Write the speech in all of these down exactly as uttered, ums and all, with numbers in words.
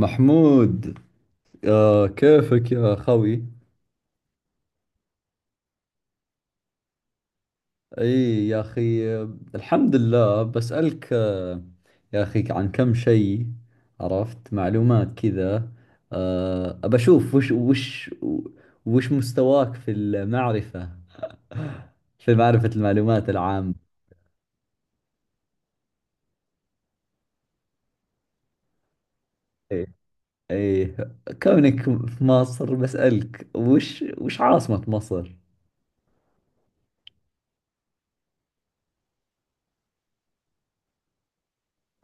محمود. آه كيفك يا خوي؟ اي يا اخي، آه، الحمد لله. بسألك آه يا اخي عن كم شيء. عرفت معلومات كذا. آه ابى اشوف وش وش وش مستواك في المعرفة، في معرفة المعلومات العامة. اي اي، كونك في مصر بسألك وش وش عاصمة مصر؟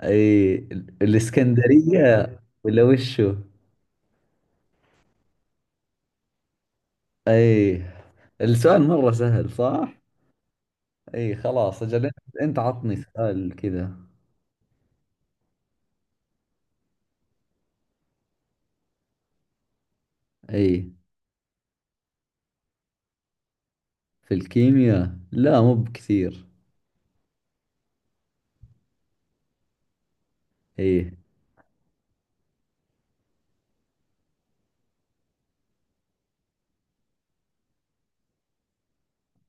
اي، الاسكندرية ولا وشو؟ اي، السؤال مرة سهل صح؟ اي خلاص اجل انت. أنت عطني سؤال كذا. اي، في الكيمياء لا مو بكثير. اي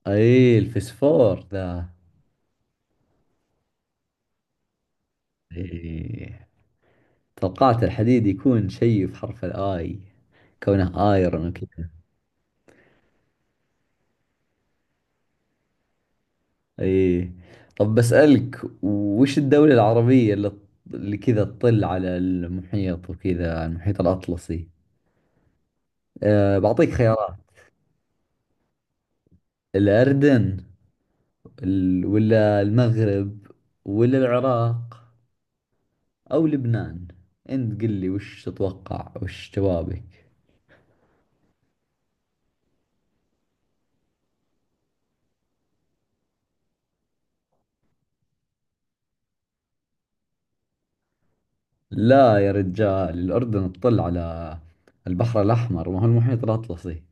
اي، الفسفور ذا. اي، توقعت الحديد يكون شيء في حرف الاي، كونه ايرون وكذا. اي، طب بسألك وش الدولة العربية اللي اللي كذا تطل على المحيط، وكذا على المحيط الأطلسي. أه بعطيك خيارات: الأردن، ال- ولا المغرب، ولا العراق، أو لبنان. أنت قل لي وش تتوقع، وش جوابك. لا يا رجال، الأردن تطل على البحر الأحمر، ما هو المحيط الأطلسي.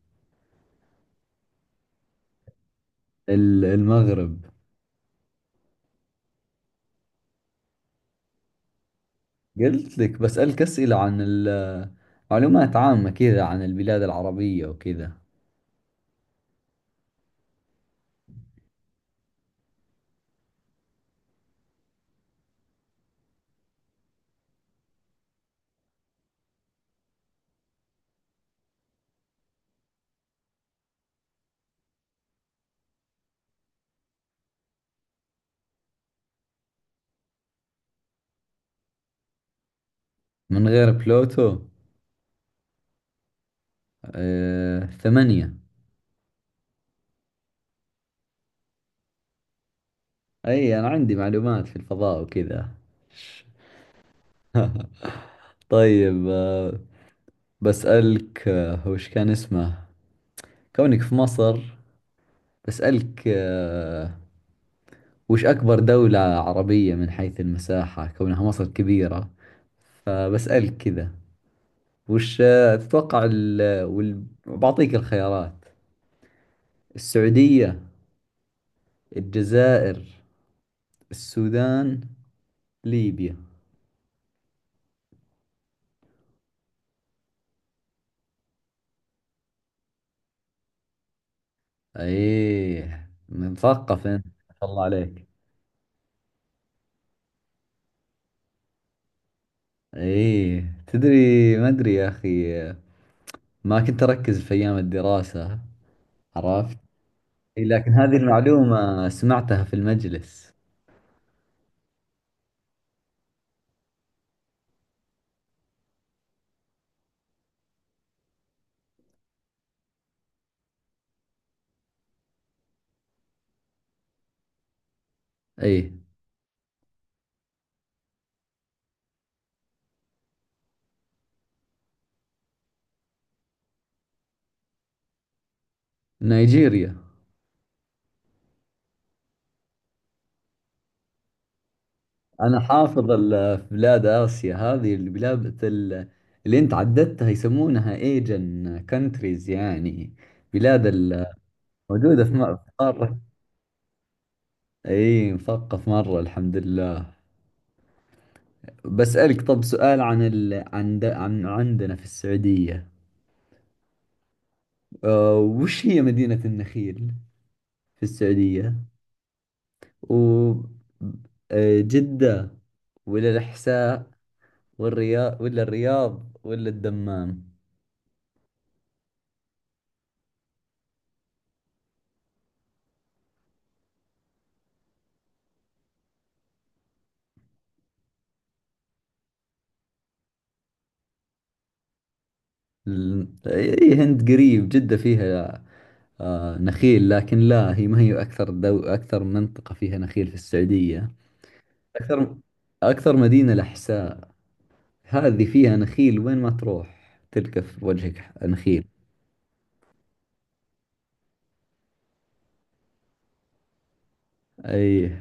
ال- المغرب. قلت لك بسألك أسئلة عن ال- معلومات عامة كذا عن البلاد العربية وكذا. من غير بلوتو. آه، ثمانية. أي، أنا عندي معلومات في الفضاء وكذا. طيب، آه، بسألك آه، وش كان اسمه، كونك في مصر، بسألك آه، وش أكبر دولة عربية من حيث المساحة، كونها مصر كبيرة فبسألك كذا. وش آه، تتوقع ال... وال... بعطيك الخيارات: السعودية، الجزائر، السودان، ليبيا. ايه مثقف انت ما شاء الله عليك. ايه تدري، ما ادري يا اخي، ما كنت اركز في ايام الدراسة. عرفت. إي، لكن هذه المعلومة سمعتها في المجلس. أي، نيجيريا. أنا حافظ ال- في بلاد آسيا هذه البلاد ال- اللي أنت عددتها يسمونها ايجن كونتريز، يعني بلاد ال- موجودة في م- في قارة. أي، مثقف مرة الحمد لله. بسألك طب سؤال عن ال... عن, د... عن عندنا في السعودية. أه، وش هي مدينة النخيل في السعودية، و أه، جدة، ولا الإحساء، والرياض، ولا الرياض ولا الدمام. ال- اي هند قريب جدة فيها آه نخيل، لكن لا. هي ما هي أكثر دو أكثر منطقة فيها نخيل في السعودية. أكثر أكثر مدينة لحساء، هذه فيها نخيل، وين ما تروح تلقى في وجهك ح- نخيل. أي.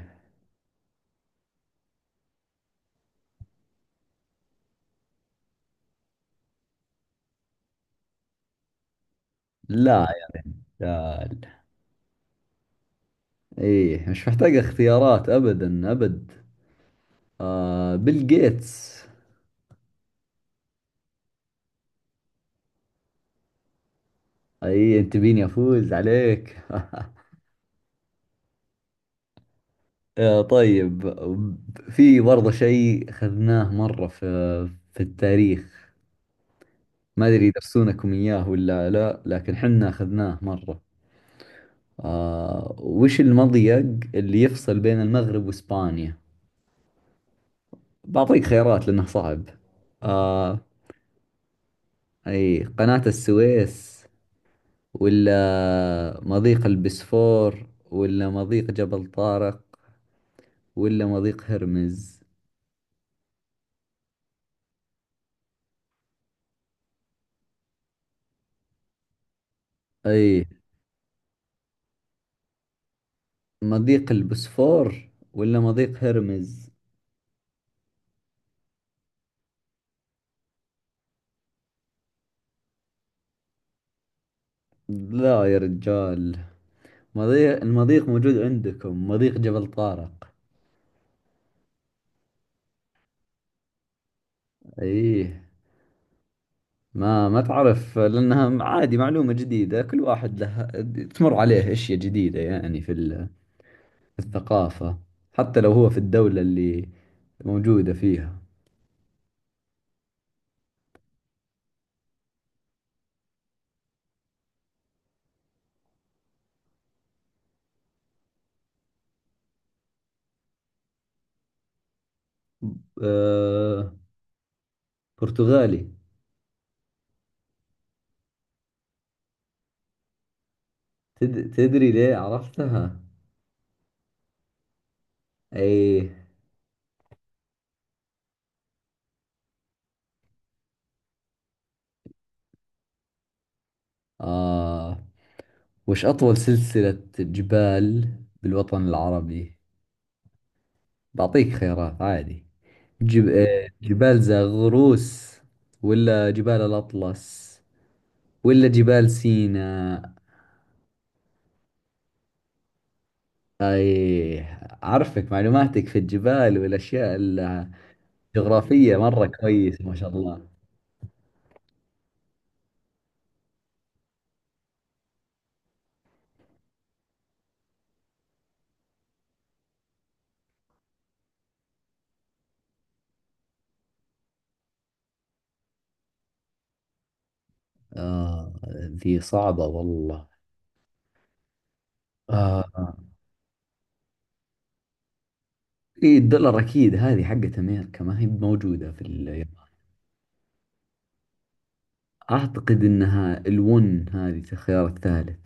لا يا أي مش محتاج اختيارات، أبدا أبد آه بيل جيتس. أي أنت بيني أفوز عليك. آه، طيب، في برضه شيء أخذناه مرة في في التاريخ. ما أدري يدرسونكم إياه ولا لا، لكن حنا أخذناه مرة. آه وش المضيق اللي يفصل بين المغرب وإسبانيا؟ بعطيك خيارات لأنه صعب. آه أي، قناة السويس، ولا مضيق البسفور، ولا مضيق جبل طارق، ولا مضيق هرمز؟ أي، مضيق البسفور ولا مضيق هرمز؟ لا يا رجال، مضيق المضيق موجود عندكم مضيق جبل طارق. ايه، ما ما تعرف لانها عادي، معلومة جديدة. كل واحد له تمر عليه اشياء جديدة، يعني في ال- في الثقافة، حتى لو هو في الدولة اللي موجودة فيها. أه برتغالي. تد... تدري ليه عرفتها؟ ايه. اه، وش اطول سلسلة جبال بالوطن العربي؟ بعطيك خيارات عادي: جب... آه، جبال زاغروس، ولا جبال الأطلس، ولا جبال سيناء. أي، أعرفك معلوماتك في الجبال والأشياء الجغرافية مرة كويسة ما شاء الله. آه ذي صعبة والله. آه إيه، الدولار أكيد، هذه حقت أمريكا، ما هي موجودة في اليابان. أعتقد أنها الون، هذه الخيار الثالث.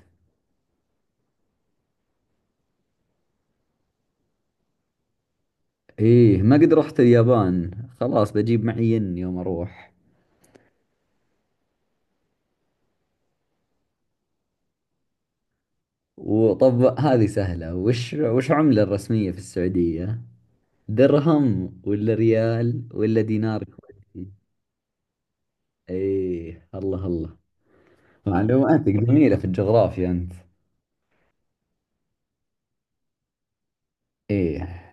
إيه، ما قد رحت اليابان، خلاص بجيب معي ين يوم أروح. وطب هذه سهلة، وش وش عملة الرسمية في السعودية؟ درهم ولا ريال ولا دينار كويتي؟ ايه الله الله، معلوماتك جميلة في الجغرافيا انت. ايه،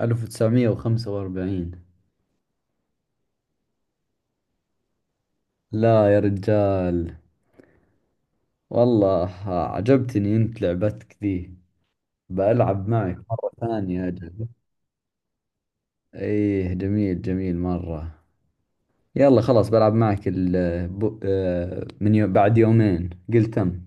ألف وتسعمائة وخمسة وأربعين. لا يا رجال. والله عجبتني انت لعبتك ذي، بلعب معك مرة ثانية اجل. ايه، جميل جميل مرة. يلا خلاص، بلعب معك ال- آه، بو- آه، من يو- بعد يومين، قلت تم.